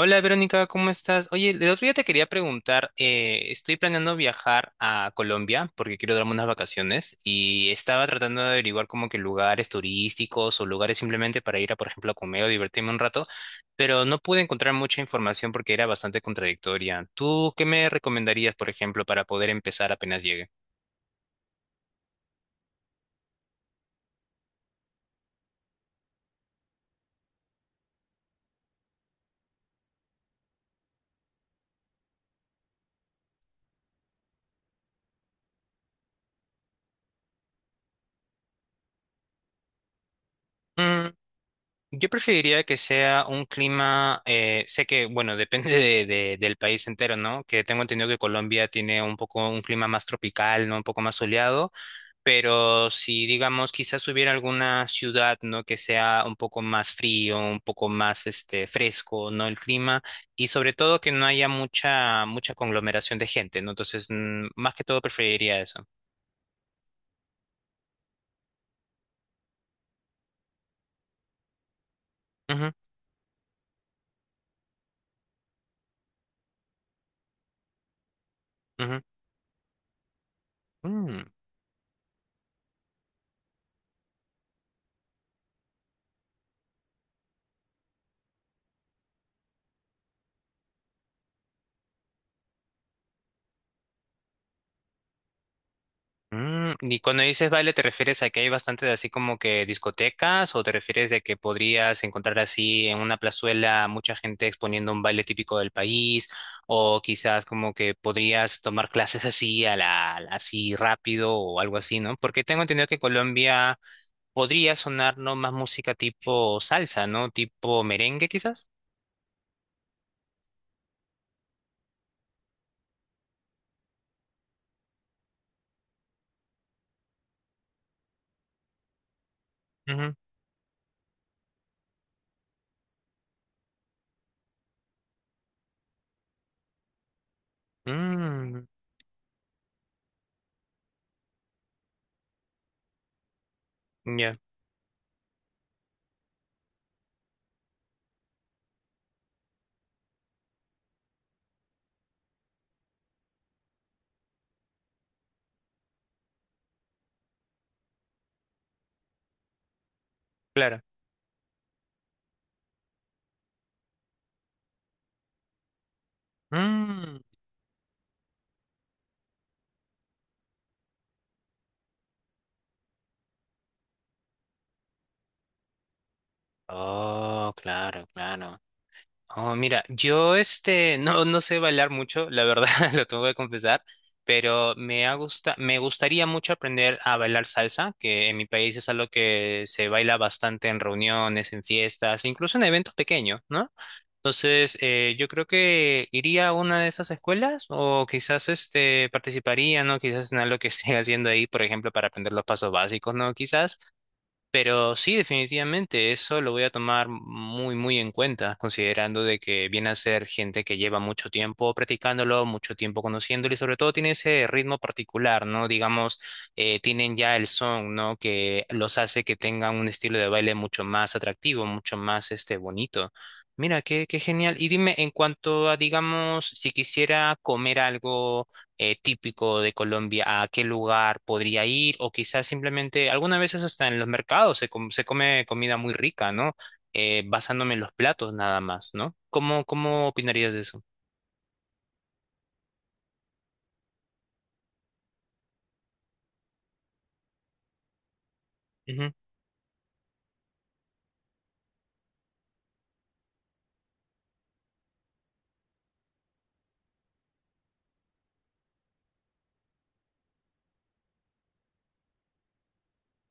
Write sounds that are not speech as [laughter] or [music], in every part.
Hola Verónica, ¿cómo estás? Oye, el otro día te quería preguntar, estoy planeando viajar a Colombia porque quiero darme unas vacaciones y estaba tratando de averiguar como que lugares turísticos o lugares simplemente para ir a, por ejemplo, a comer o divertirme un rato, pero no pude encontrar mucha información porque era bastante contradictoria. ¿Tú qué me recomendarías, por ejemplo, para poder empezar apenas llegue? Yo preferiría que sea un clima, sé que, bueno, [laughs] depende del país entero, ¿no? Que tengo entendido que Colombia tiene un poco un clima más tropical, ¿no? Un poco más soleado, pero si, digamos, quizás si hubiera alguna ciudad, ¿no? Que sea un poco más frío, un poco más, este, fresco, ¿no? El clima y sobre todo que no haya mucha, mucha conglomeración de gente, ¿no? Entonces, más que todo preferiría eso. Ujú, ujú. Mm. Mm, y cuando dices baile, ¿te refieres a que hay bastante de así como que discotecas o te refieres de que podrías encontrar así en una plazuela mucha gente exponiendo un baile típico del país o quizás como que podrías tomar clases así a la así rápido o algo así, ¿no? Porque tengo entendido que Colombia podría sonar no más música tipo salsa, ¿no? Tipo merengue quizás. Ujú. Mm, ya, claro. Mm. Oh, claro, claro. Oh, mira, yo este no, no sé bailar mucho, la verdad, [laughs] lo tengo que confesar, pero me ha gusta, me gustaría mucho aprender a bailar salsa, que en mi país es algo que se baila bastante en reuniones, en fiestas, incluso en eventos pequeños, ¿no? Entonces, yo creo que iría a una de esas escuelas o quizás este participaría, ¿no? Quizás en algo que [laughs] esté haciendo ahí, por ejemplo, para aprender los pasos básicos, ¿no? Quizás. Pero sí, definitivamente, eso lo voy a tomar muy, muy en cuenta, considerando de que viene a ser gente que lleva mucho tiempo practicándolo, mucho tiempo conociéndolo y sobre todo tiene ese ritmo particular, ¿no? Digamos, tienen ya el son, ¿no? Que los hace que tengan un estilo de baile mucho más atractivo, mucho más, este, bonito. Mira, qué, qué genial. Y dime, en cuanto a, digamos, si quisiera comer algo típico de Colombia, a qué lugar podría ir, o quizás simplemente, algunas veces hasta en los mercados se come comida muy rica, ¿no? Basándome en los platos nada más, ¿no? ¿Cómo, cómo opinarías de eso? Ujú.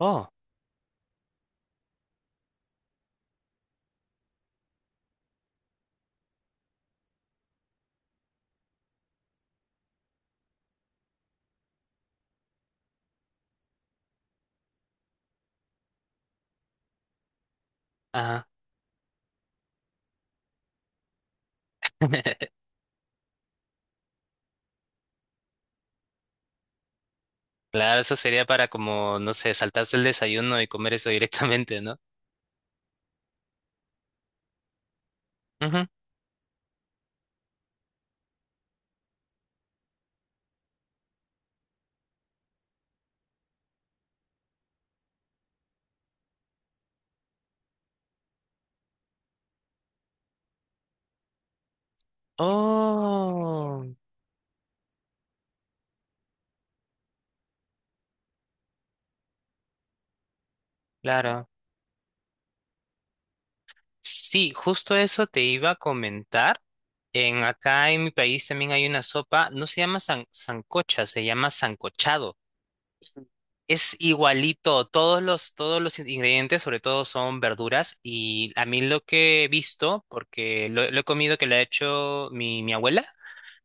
Oh, ajá. [laughs] Claro, eso sería para como, no sé, saltarse el desayuno y comer eso [laughs] directamente, ¿no? Ujú. Oh, claro. Sí, justo eso te iba a comentar. En acá en mi país también hay una sopa, no se llama sancocha, se llama sancochado. Es igualito, todos los ingredientes, sobre todo son verduras, y a mí lo que he visto, porque lo he comido que le ha hecho mi abuela,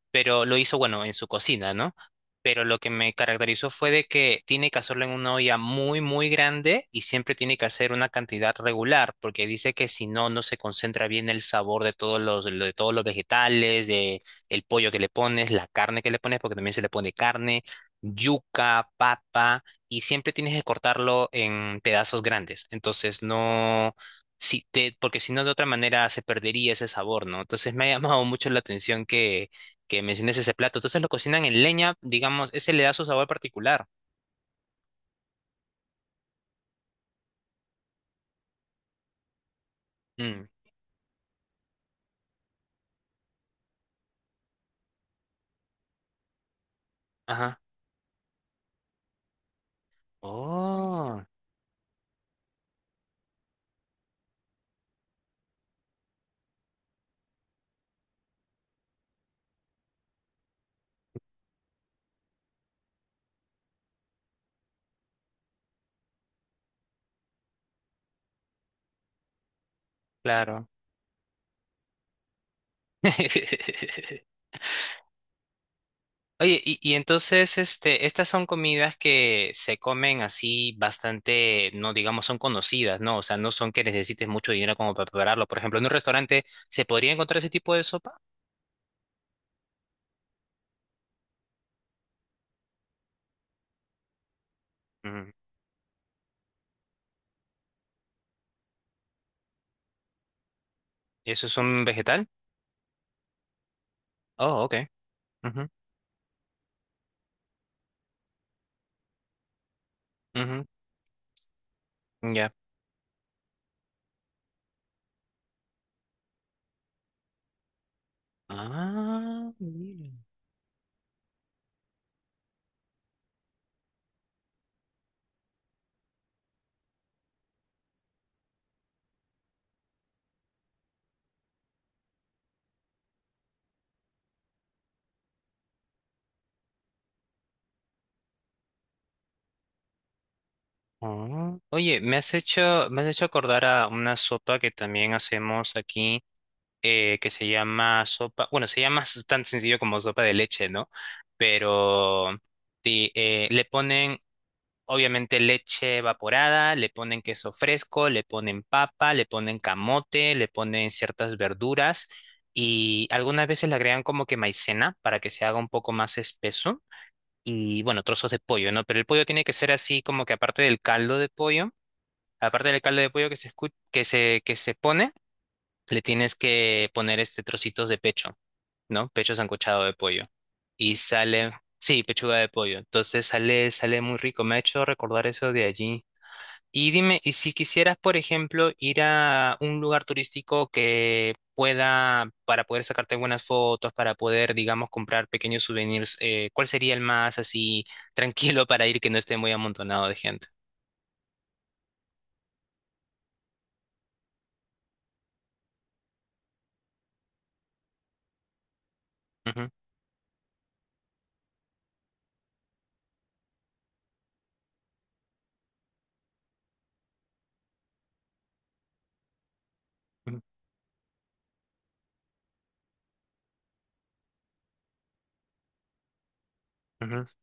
pero lo hizo, bueno, en su cocina, ¿no? Pero lo que me caracterizó fue de que tiene que hacerlo en una olla muy, muy grande y siempre tiene que hacer una cantidad regular, porque dice que si no, no se concentra bien el sabor de todos los vegetales, de el pollo que le pones, la carne que le pones, porque también se le pone carne, yuca, papa, y siempre tienes que cortarlo en pedazos grandes. Entonces, no, si te, porque si no, de otra manera se perdería ese sabor, ¿no? Entonces, me ha llamado mucho la atención que menciones ese plato. Entonces lo cocinan en leña, digamos, ese le da su sabor particular. Mm, ajá. Oh, claro. [laughs] Oye, y entonces, este, estas son comidas que se comen así bastante, no digamos, son conocidas, ¿no? O sea, no son que necesites mucho dinero como para prepararlo. Por ejemplo, en un restaurante, ¿se podría encontrar ese tipo de sopa? Mm, ¿eso es un vegetal? Oh, ok. Ujú, ujú, ya. Ah, mira. Ah, oye, me has hecho acordar a una sopa que también hacemos aquí, que se llama sopa, bueno, se llama tan sencillo como sopa de leche, ¿no? Pero le ponen, obviamente, leche evaporada, le ponen queso fresco, le ponen papa, le ponen camote, le ponen ciertas verduras y algunas veces le agregan como que maicena para que se haga un poco más espeso. Y bueno, trozos de pollo, ¿no? Pero el pollo tiene que ser así como que aparte del caldo de pollo que se escu- que se pone, le tienes que poner este trocitos de pecho, ¿no? Pecho sancochado de pollo. Y sale, sí, pechuga de pollo. Entonces sale, sale muy rico. Me ha hecho recordar eso de allí. Y dime, y si quisieras, por ejemplo, ir a un lugar turístico que pueda, para poder sacarte buenas fotos, para poder, digamos, comprar pequeños souvenirs, ¿cuál sería el más así tranquilo para ir que no esté muy amontonado de gente? Ujú, ujú,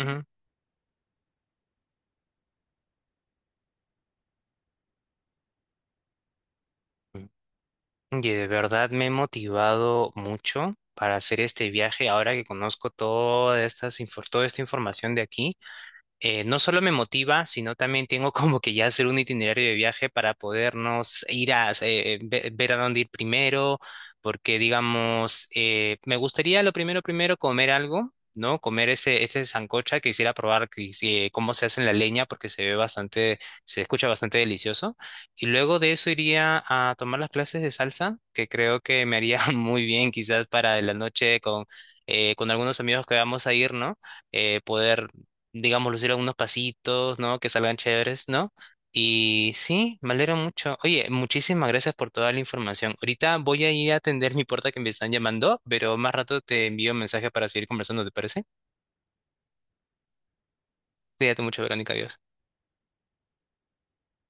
ujú, ujú. Oye, de verdad me he motivado mucho para hacer este viaje ahora que conozco toda estas, toda esta información de aquí no solo me motiva, sino también tengo [laughs] como que ya hacer un itinerario de viaje para podernos ir a ver a dónde ir primero, porque digamos, me gustaría lo primero, primero comer algo, ¿no? Comer ese, ese sancocha, que quisiera probar que si- cómo se hace en la leña, porque se ve bastante, se escucha bastante delicioso. Y luego de eso iría a tomar las clases de salsa, que creo que me haría [laughs] muy bien quizás para la noche con algunos amigos que vamos a ir, ¿no? Poder digamos, lucir algunos pasitos, ¿no? Que salgan chéveres, ¿no? Y sí, me alegro mucho. Oye, muchísimas gracias por toda la información. Ahorita voy a ir a atender mi puerta que me están llamando, pero más rato te envío un mensaje para seguir conversando, ¿te parece? Cuídate mucho, Verónica, adiós.